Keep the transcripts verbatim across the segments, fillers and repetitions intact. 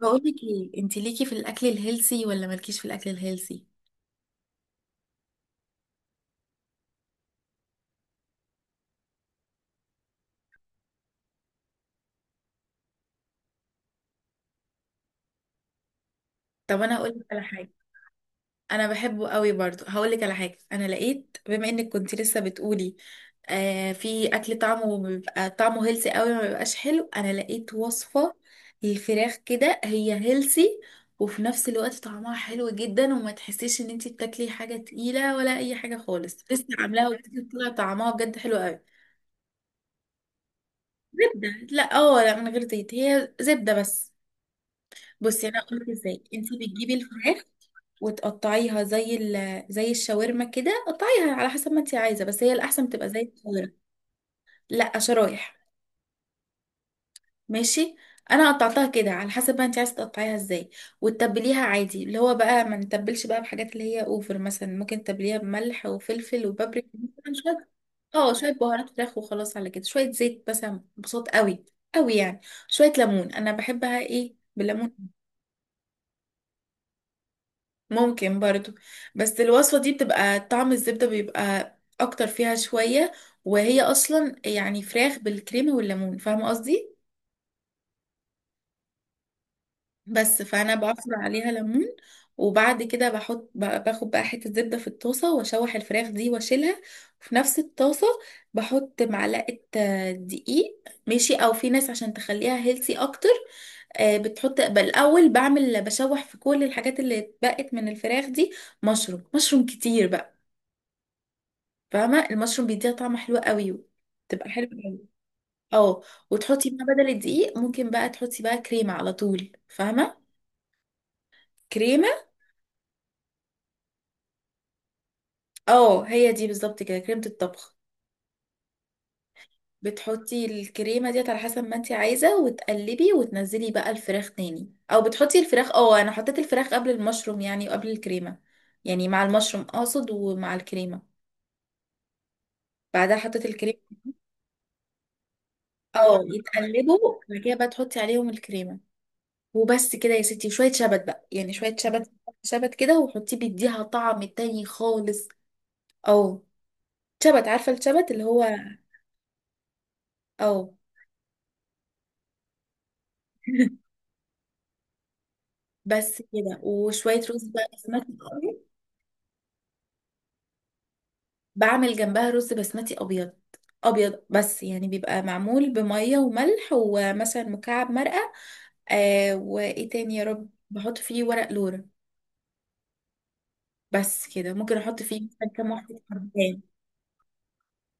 بقول لك ايه، انت ليكي في الاكل الهيلثي ولا مالكيش في الاكل الهيلثي؟ طب انا هقول لك على حاجه. انا بحبه قوي برضو، هقول لك على حاجه. انا لقيت، بما انك كنت لسه بتقولي، آه، في اكل طعمه بيبقى طعمه هيلثي قوي ما بيبقاش حلو. انا لقيت وصفه للفراخ كده، هي هيلثي وفي نفس الوقت طعمها حلو جدا، وما تحسيش ان انت بتاكلي حاجه تقيله ولا اي حاجه خالص. لسه عاملاها وطلع طعمها بجد حلو قوي. زبده، لا، اه لا، من غير زيت، هي زبده بس. بصي، انا قلت ازاي انت بتجيبي الفراخ، وتقطعيها زي ال... زي الشاورما كده. قطعيها على حسب ما انت عايزه، بس هي الاحسن بتبقى زي الشاورما. لا، شرايح. ماشي. انا قطعتها كده على حسب ما انت عايزه تقطعيها ازاي، وتتبليها عادي. اللي هو بقى ما نتبلش بقى بحاجات اللي هي اوفر، مثلا ممكن تتبليها بملح وفلفل وبابريكا مثلا شويه. اه، شويه بهارات فراخ وخلاص. على كده شويه زيت مثلا، بصوت قوي قوي يعني، شويه ليمون، انا بحبها ايه بالليمون. ممكن برضو، بس الوصفة دي بتبقى طعم الزبدة بيبقى أكتر فيها شوية. وهي أصلا يعني فراخ بالكريمة والليمون، فاهمة قصدي؟ بس فأنا بعصر عليها ليمون. وبعد كده بحط ب- باخد بقى حتة زبدة في الطاسة، وأشوح الفراخ دي وأشيلها. وفي نفس الطاسة بحط معلقة آه، دقيق. ماشي، أو في ناس عشان تخليها هيلسي أكتر. آه، بتحط بالأول، بعمل بشوح في كل الحاجات اللي اتبقت من الفراخ دي. مشروم، مشروم كتير بقى، فاهمه؟ المشروم بيديها طعم حلو قوي، تبقى حلو قوي. اه، وتحطي بقى بدل الدقيق، ممكن بقى تحطي بقى كريمه على طول، فاهمه؟ كريمه. اه، هي دي بالظبط كده، كريمه الطبخ. بتحطي الكريمه ديت على حسب ما انت عايزه، وتقلبي وتنزلي بقى الفراخ تاني. او بتحطي الفراخ، اه انا حطيت الفراخ قبل المشروم يعني، وقبل الكريمه. يعني مع المشروم اقصد، ومع الكريمه. بعدها حطيت الكريمه. اه، يتقلبوا، بعد كده بقى تحطي عليهم الكريمه، وبس كده يا ستي. شوية شبت بقى، يعني شوية شبت. شبت كده، وحطيه بيديها طعم تاني خالص. او. شبت، عارفة الشبت اللي هو. او. بس كده وشوية رز بقى بسمتي أبيض. بعمل جنبها رز بسمتي أبيض. أبيض بس، يعني بيبقى معمول بمية وملح، ومثلا مكعب مرقة، آه، وإيه تاني يا رب، بحط فيه ورق لورا. بس كده، ممكن أحط فيه مثلا كام واحدة حبهان.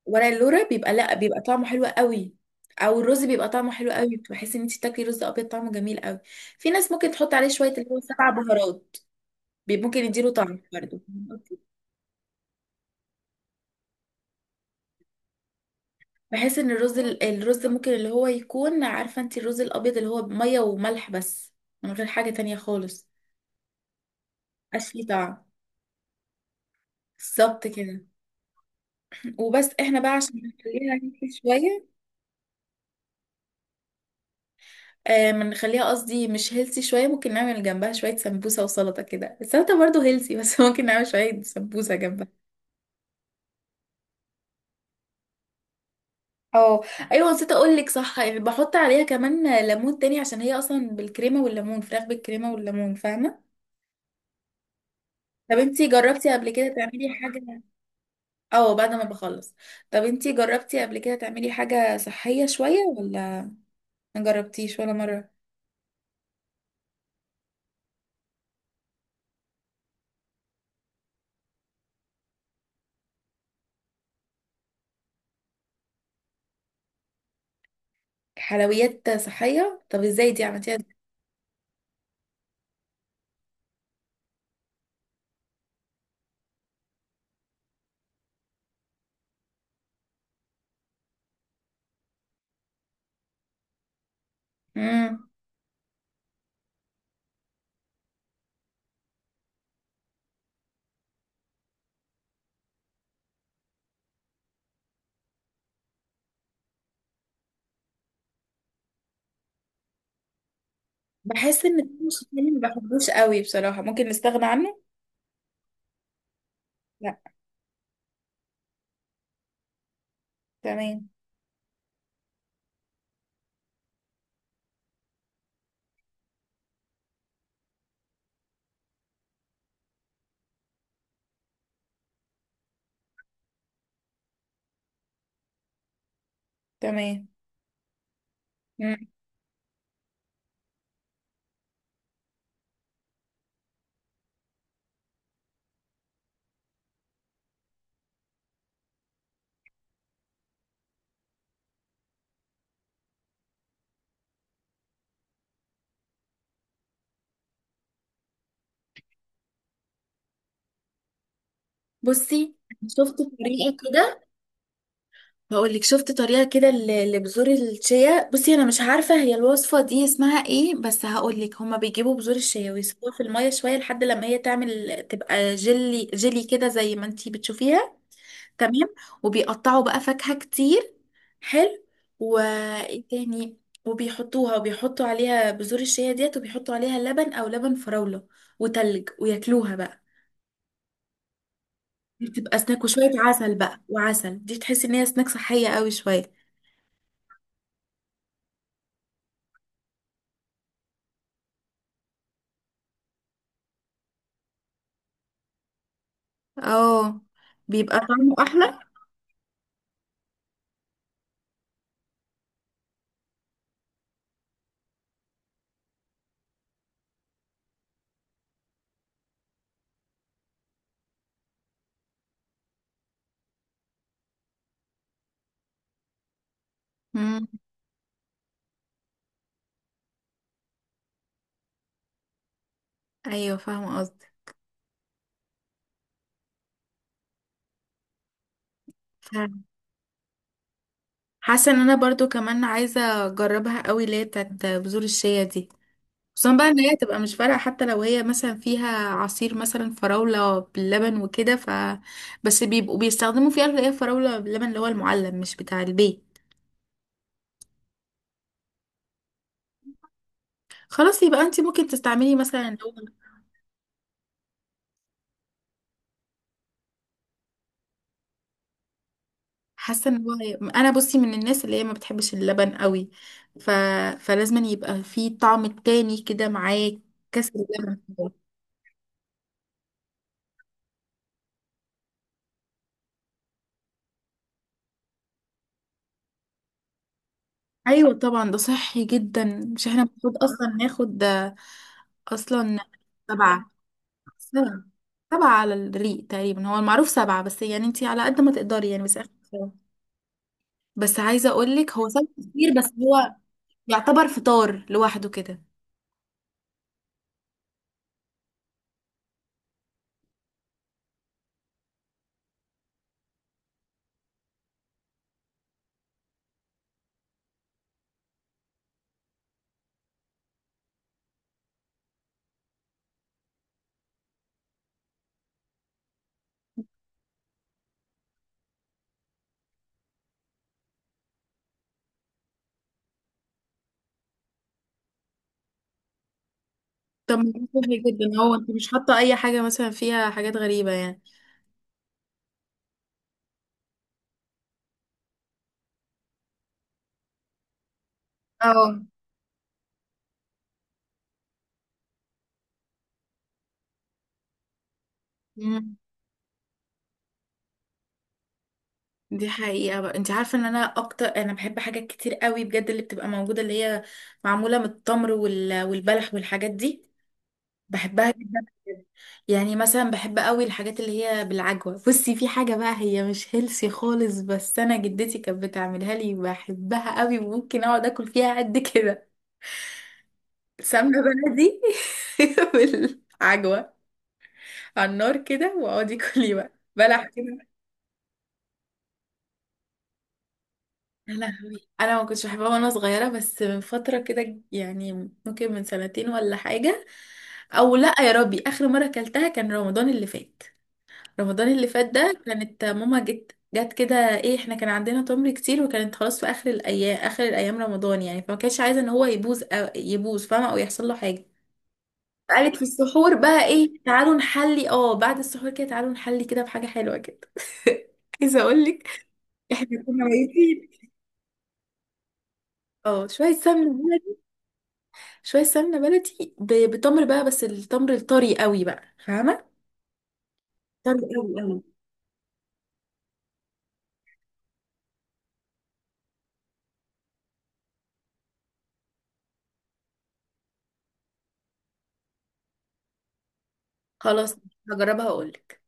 ورق اللورا بيبقى، لا بيبقى طعمه حلو قوي. او الرز بيبقى طعمه حلو قوي، بحس ان انت تاكلي رز ابيض طعمه جميل قوي. في ناس ممكن تحط عليه شويه اللي هو سبع بهارات. بي- ممكن يديله طعم برضه. بحس ان الرز ال- الرز ممكن، اللي هو يكون، عارفه انت الرز الابيض اللي هو ميه وملح بس، من غير حاجه تانية خالص، مبقاش ليه طعم. بالظبط كده. وبس احنا بقى عشان نخليها شويه، آه، ما نخليها قصدي مش هيلسي شوية، ممكن نعمل جنبها شوية سمبوسة وسلطة كده. السلطة برضو هيلسي بس ممكن نعمل شوية سمبوسة جنبها. اه ايوه، نسيت اقول لك صح، يعني بحط عليها كمان ليمون تاني، عشان هي اصلا بالكريمة والليمون، فراخ بالكريمة والليمون، فاهمة؟ طب انتي جربتي قبل كده تعملي حاجة؟ اه، بعد ما بخلص. طب انتي جربتي قبل كده تعملي حاجة صحية شوية ولا ما جربتيش ولا مرة؟ حلويات صحية؟ طب ازاي دي عملتيها؟ امم. بحس ان التون الموسيقي ما بحبوش قوي بصراحة، ممكن نستغنى عنه. لا. تمام، تمام. مم. بصي، شفت طريقة كده، هقول لك شفت طريقة كده ل- لبذور الشيا. بصي، انا مش عارفة هي الوصفة دي اسمها ايه، بس هقول لك. هما بيجيبوا بذور الشيا ويسيبوها في المية شوية، لحد لما هي تعمل، تبقى جلي جيلي كده زي ما انتي بتشوفيها. تمام. وبيقطعوا بقى فاكهة كتير. حلو. وايه تاني؟ وبيحطوها، وبيحطوا عليها بذور الشيا ديت، وبيحطوا عليها لبن او لبن فراولة وتلج، وياكلوها بقى. دي بتبقى سناك، وشوية عسل بقى، وعسل دي تحس ان هي سناك صحية قوي شوية. اه، بيبقى طعمه احلى. امم. ايوه فاهمة قصدي. فاهمة. حاسة ان انا برضو كمان عايزة اجربها قوي، اللي هي بتاعت بذور الشيا دي. خصوصا بقى ان هي تبقى مش فارقة حتى لو هي مثلا فيها عصير مثلا فراولة باللبن وكده. ف بس بيبقوا بيستخدموا فيها اللي هي فراولة باللبن، اللي هو المعلب مش بتاع البيت. خلاص، يبقى انت ممكن تستعملي مثلا لو. حاسة ان هو، انا بصي من الناس اللي هي ما بتحبش اللبن قوي. ف... فلازم يبقى فيه طعم تاني كده معاه. كسر اللبن. ايوه طبعا، ده صحي جدا، مش احنا المفروض اصلا ناخد ده اصلا. سبعة. سبعة. سبعة على الريق تقريبا هو المعروف، سبعة، بس يعني انتي على قد ما تقدري، يعني بس آخر سبعة. بس عايزة اقولك هو سبعة كتير، بس هو يعتبر فطار لوحده كده. طب ما ده صحي جدا، هو انت مش حاطة اي حاجة مثلا فيها حاجات غريبة يعني. اه. مم. دي حقيقة بقى، انت عارفة ان انا اكتر، انا بحب حاجات كتير قوي بجد، اللي بتبقى موجودة اللي هي معمولة من التمر، وال... والبلح والحاجات دي، بحبها جدا بجد. يعني مثلا بحب قوي الحاجات اللي هي بالعجوة. بصي، في حاجة بقى هي مش هيلسي خالص، بس انا جدتي كانت بتعملها لي بحبها قوي، وممكن اقعد اكل فيها قد كده. سمنة بلدي بالعجوة، على النار كده، واقعدي كلي بقى بلح كده. يا لهوي، انا ما كنتش بحبها وانا صغيرة، بس من فترة كده يعني، ممكن من سنتين ولا حاجة. او لا، يا ربي، اخر مرة اكلتها كان رمضان اللي فات. رمضان اللي فات ده، كانت ماما جت جت كده، ايه، احنا كان عندنا تمر كتير، وكانت خلاص في اخر الايام اخر الايام رمضان يعني، فما كانتش عايزه ان هو يبوظ، أو يبوظ فاهمه، او يحصل له حاجه. قالت في السحور بقى، ايه، تعالوا نحلي، اه بعد السحور كده تعالوا نحلي كده بحاجه حلوه كده. عايزه اقول لك، احنا كنا ميتين. اه، شويه سمنه بلدي. شويه سمنه بلدي ب- بتمر بقى، بس التمر الطري قوي بقى، فاهمه؟ طري قوي قوي. خلاص، هجربها اقول لك.